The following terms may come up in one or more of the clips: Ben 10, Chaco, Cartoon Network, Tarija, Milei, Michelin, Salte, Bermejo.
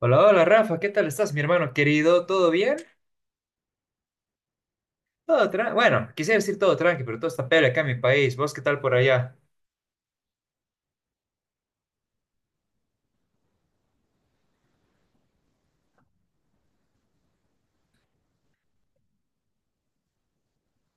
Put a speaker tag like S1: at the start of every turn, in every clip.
S1: Hola, hola Rafa, ¿qué tal estás, mi hermano querido? ¿Todo bien? Todo tranqui. Bueno, quisiera decir todo tranqui, pero todo está peor acá en mi país. ¿Vos qué tal por allá?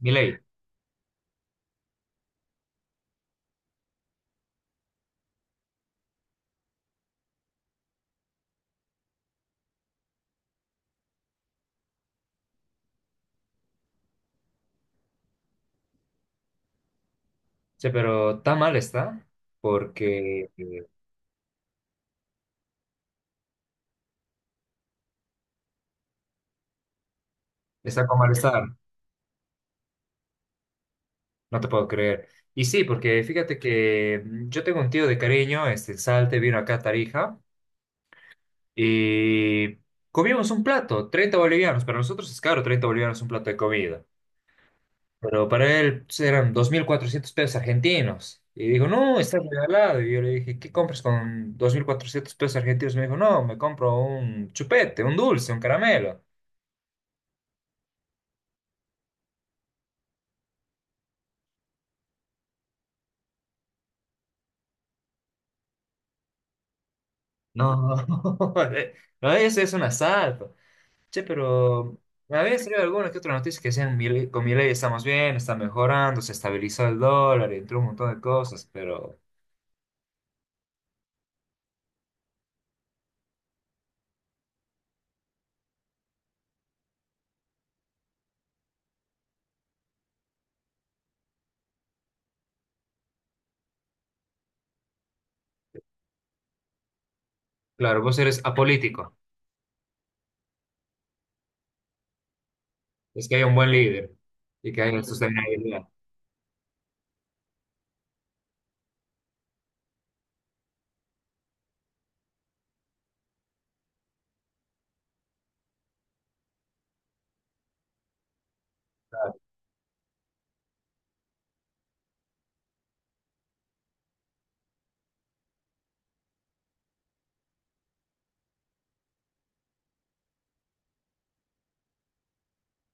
S1: Milei. Sí, pero tan mal está porque está con malestar. No te puedo creer. Y sí, porque fíjate que yo tengo un tío de cariño, este en Salte, vino acá a Tarija y comimos un plato, 30 bolivianos. Para nosotros es caro 30 bolivianos un plato de comida. Pero para él pues, eran 2.400 pesos argentinos. Y dijo, no, está regalado. Y yo le dije, ¿qué compras con 2.400 pesos argentinos? Me dijo, no, me compro un chupete, un dulce, un caramelo. No, no, eso es un asalto. Che, pero me había salido alguna que otra noticia que decían, "Con mi ley estamos bien, está mejorando, se estabilizó el dólar, entró un montón de cosas. Pero claro, vos eres apolítico. Es que hay un buen líder y que hay una sostenibilidad.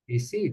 S1: Y sí,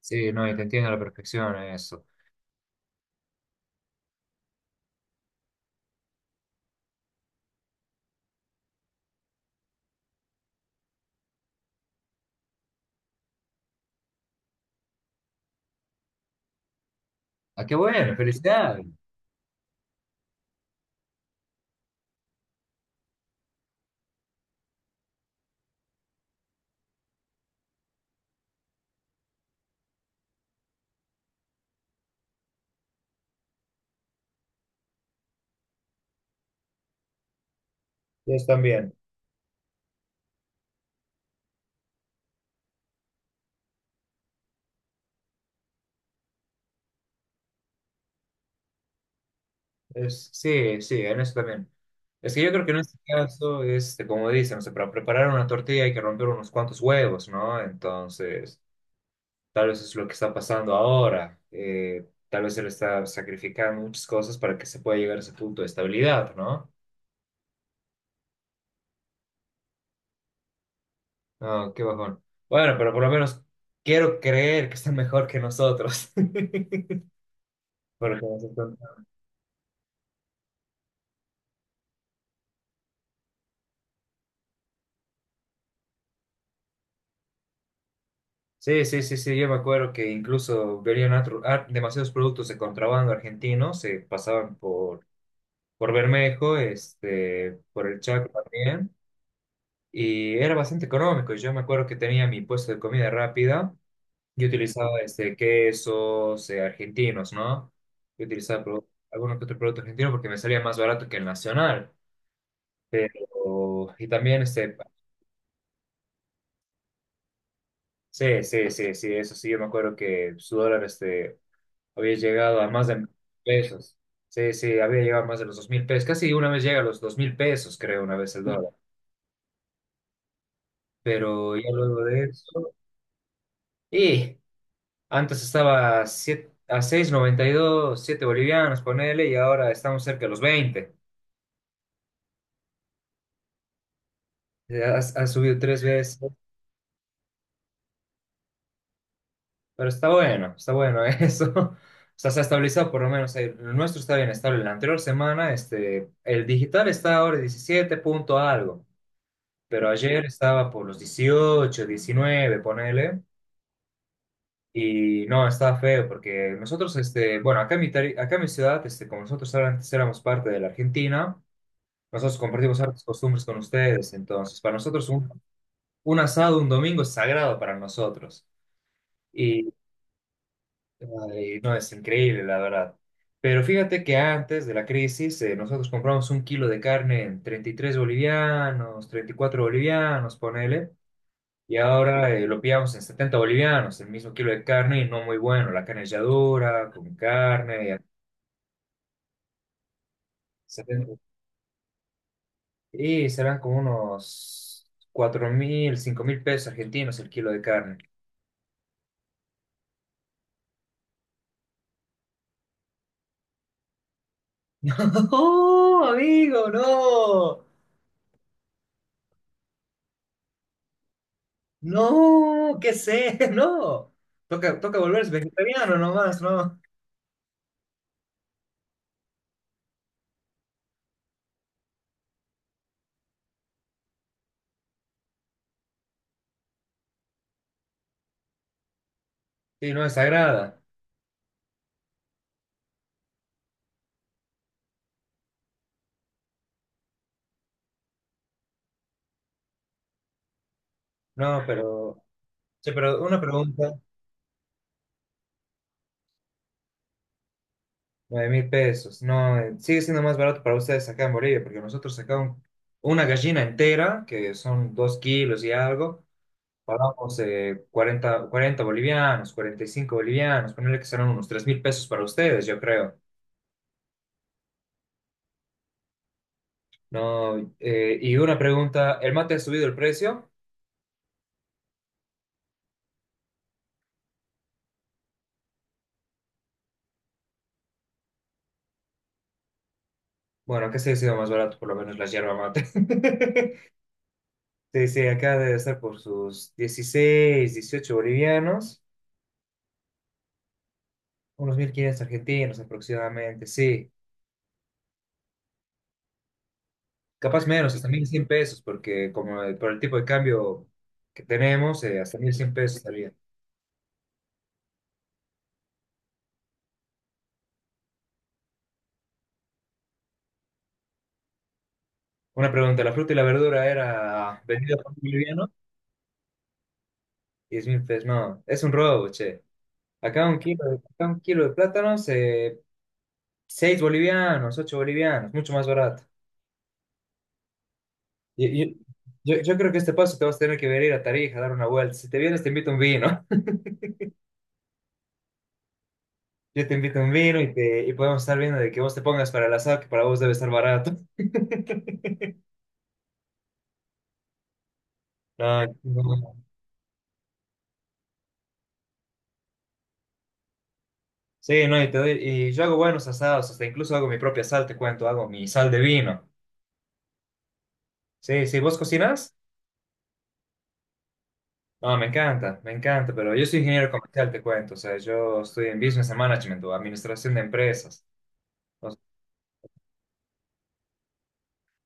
S1: sí, no, y te entiendo a la perfección eso. Ah, qué bueno, felicidades. Ellos también. Es, sí, sí, en eso también. Es que yo creo que en este caso, este, como dicen, o sea, para preparar una tortilla hay que romper unos cuantos huevos, ¿no? Entonces, tal vez es lo que está pasando ahora. Tal vez él está sacrificando muchas cosas para que se pueda llegar a ese punto de estabilidad, ¿no? No, qué bajón. Bueno, pero por lo menos quiero creer que está mejor que nosotros. Porque nosotros sí, sí, sí, sí, yo me acuerdo que incluso venían demasiados productos de contrabando argentinos, se pasaban por Bermejo, este, por el Chaco también, y era bastante económico. Yo me acuerdo que tenía mi puesto de comida rápida y utilizaba este, quesos argentinos, ¿no? Yo utilizaba algunos que otros productos argentinos porque me salía más barato que el nacional. Pero, y también, este, sí, sí, sí, sí, eso sí, yo me acuerdo que su dólar, este había llegado a más de 1.000 pesos. Sí, sí, había llegado a más de los 2.000 pesos. Casi una vez llega a los 2.000 pesos, creo, una vez el dólar. Pero ya luego de eso. Y antes estaba a a 6,92 7 bolivianos, ponele, y ahora estamos cerca de los 20. Ha, ha subido 3 veces. Pero está bueno eso. O sea, se ha estabilizado por lo menos. El nuestro está bien estable. La anterior semana, este, el digital está ahora 17 punto algo. Pero ayer estaba por los 18, 19, ponele, y no, estaba feo porque nosotros, este, bueno, acá en mi ciudad, este, como nosotros antes éramos parte de la Argentina, nosotros compartimos hartas costumbres con ustedes, entonces para nosotros un asado un domingo es sagrado para nosotros, y, ay, no, es increíble, la verdad. Pero fíjate que antes de la crisis, nosotros compramos un kilo de carne en 33 bolivianos, 34 bolivianos, ponele. Y ahora lo pillamos en 70 bolivianos, el mismo kilo de carne y no muy bueno. La carne ya dura, con carne, ya 70. Y serán como unos 4.000, 5.000 pesos argentinos el kilo de carne. ¡Oh, amigo! ¡No! ¡No! ¿Qué sé? ¡No! Toca, toca volverse vegetariano nomás, ¿no? Sí, no es desagrada. No, pero, sí, pero una pregunta. 9.000 pesos. No, sigue siendo más barato para ustedes acá en Bolivia, porque nosotros sacamos una gallina entera, que son 2 kilos y algo, pagamos 40, 40 bolivianos, 45 bolivianos, ponerle que serán unos 3.000 pesos para ustedes, yo creo. No, y una pregunta, ¿el mate ha subido el precio? Bueno, acá sí ha sido más barato, por lo menos la yerba mate. Sí, sí, acá debe estar por sus 16 18 bolivianos, unos 1.500 argentinos aproximadamente, sí. Capaz menos, hasta 1.100 pesos, porque como por el tipo de cambio que tenemos, hasta 1.100 pesos estaría. Una pregunta, ¿la fruta y la verdura era vendida por un boliviano? 10.000 pesos, no, es un robo, che. Acá un kilo, acá un kilo de plátanos, 6 bolivianos, 8 bolivianos, mucho más barato. Y- y- yo creo que este paso te vas a tener que venir a Tarija a dar una vuelta. Si te vienes, te invito un vino. Yo te invito un vino y, te, y podemos estar viendo de que vos te pongas para el asado, que para vos debe estar barato. No, no. Sí, no, y, y yo hago buenos asados, hasta incluso hago mi propia sal, te cuento, hago mi sal de vino. Sí, sí, ¿vos cocinas? No, me encanta, pero yo soy ingeniero comercial, te cuento, o sea, yo estoy en Business and Management o Administración de Empresas. Entonces,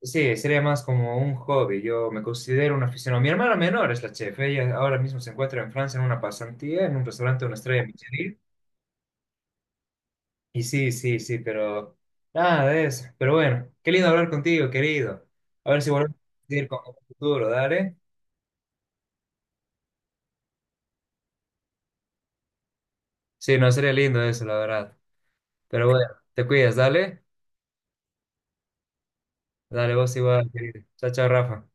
S1: sí, sería más como un hobby, yo me considero un aficionado. Mi hermana menor es la chef, ella ahora mismo se encuentra en Francia en una pasantía, en un restaurante de una estrella Michelin. Y sí, sí, sí, pero nada de eso. Pero bueno, qué lindo hablar contigo, querido. A ver si volvemos a ir con el futuro, dale. Sí, no sería lindo eso, la verdad. Pero bueno, te cuidas, dale. Dale vos igual, querido. Chao, chao, Rafa.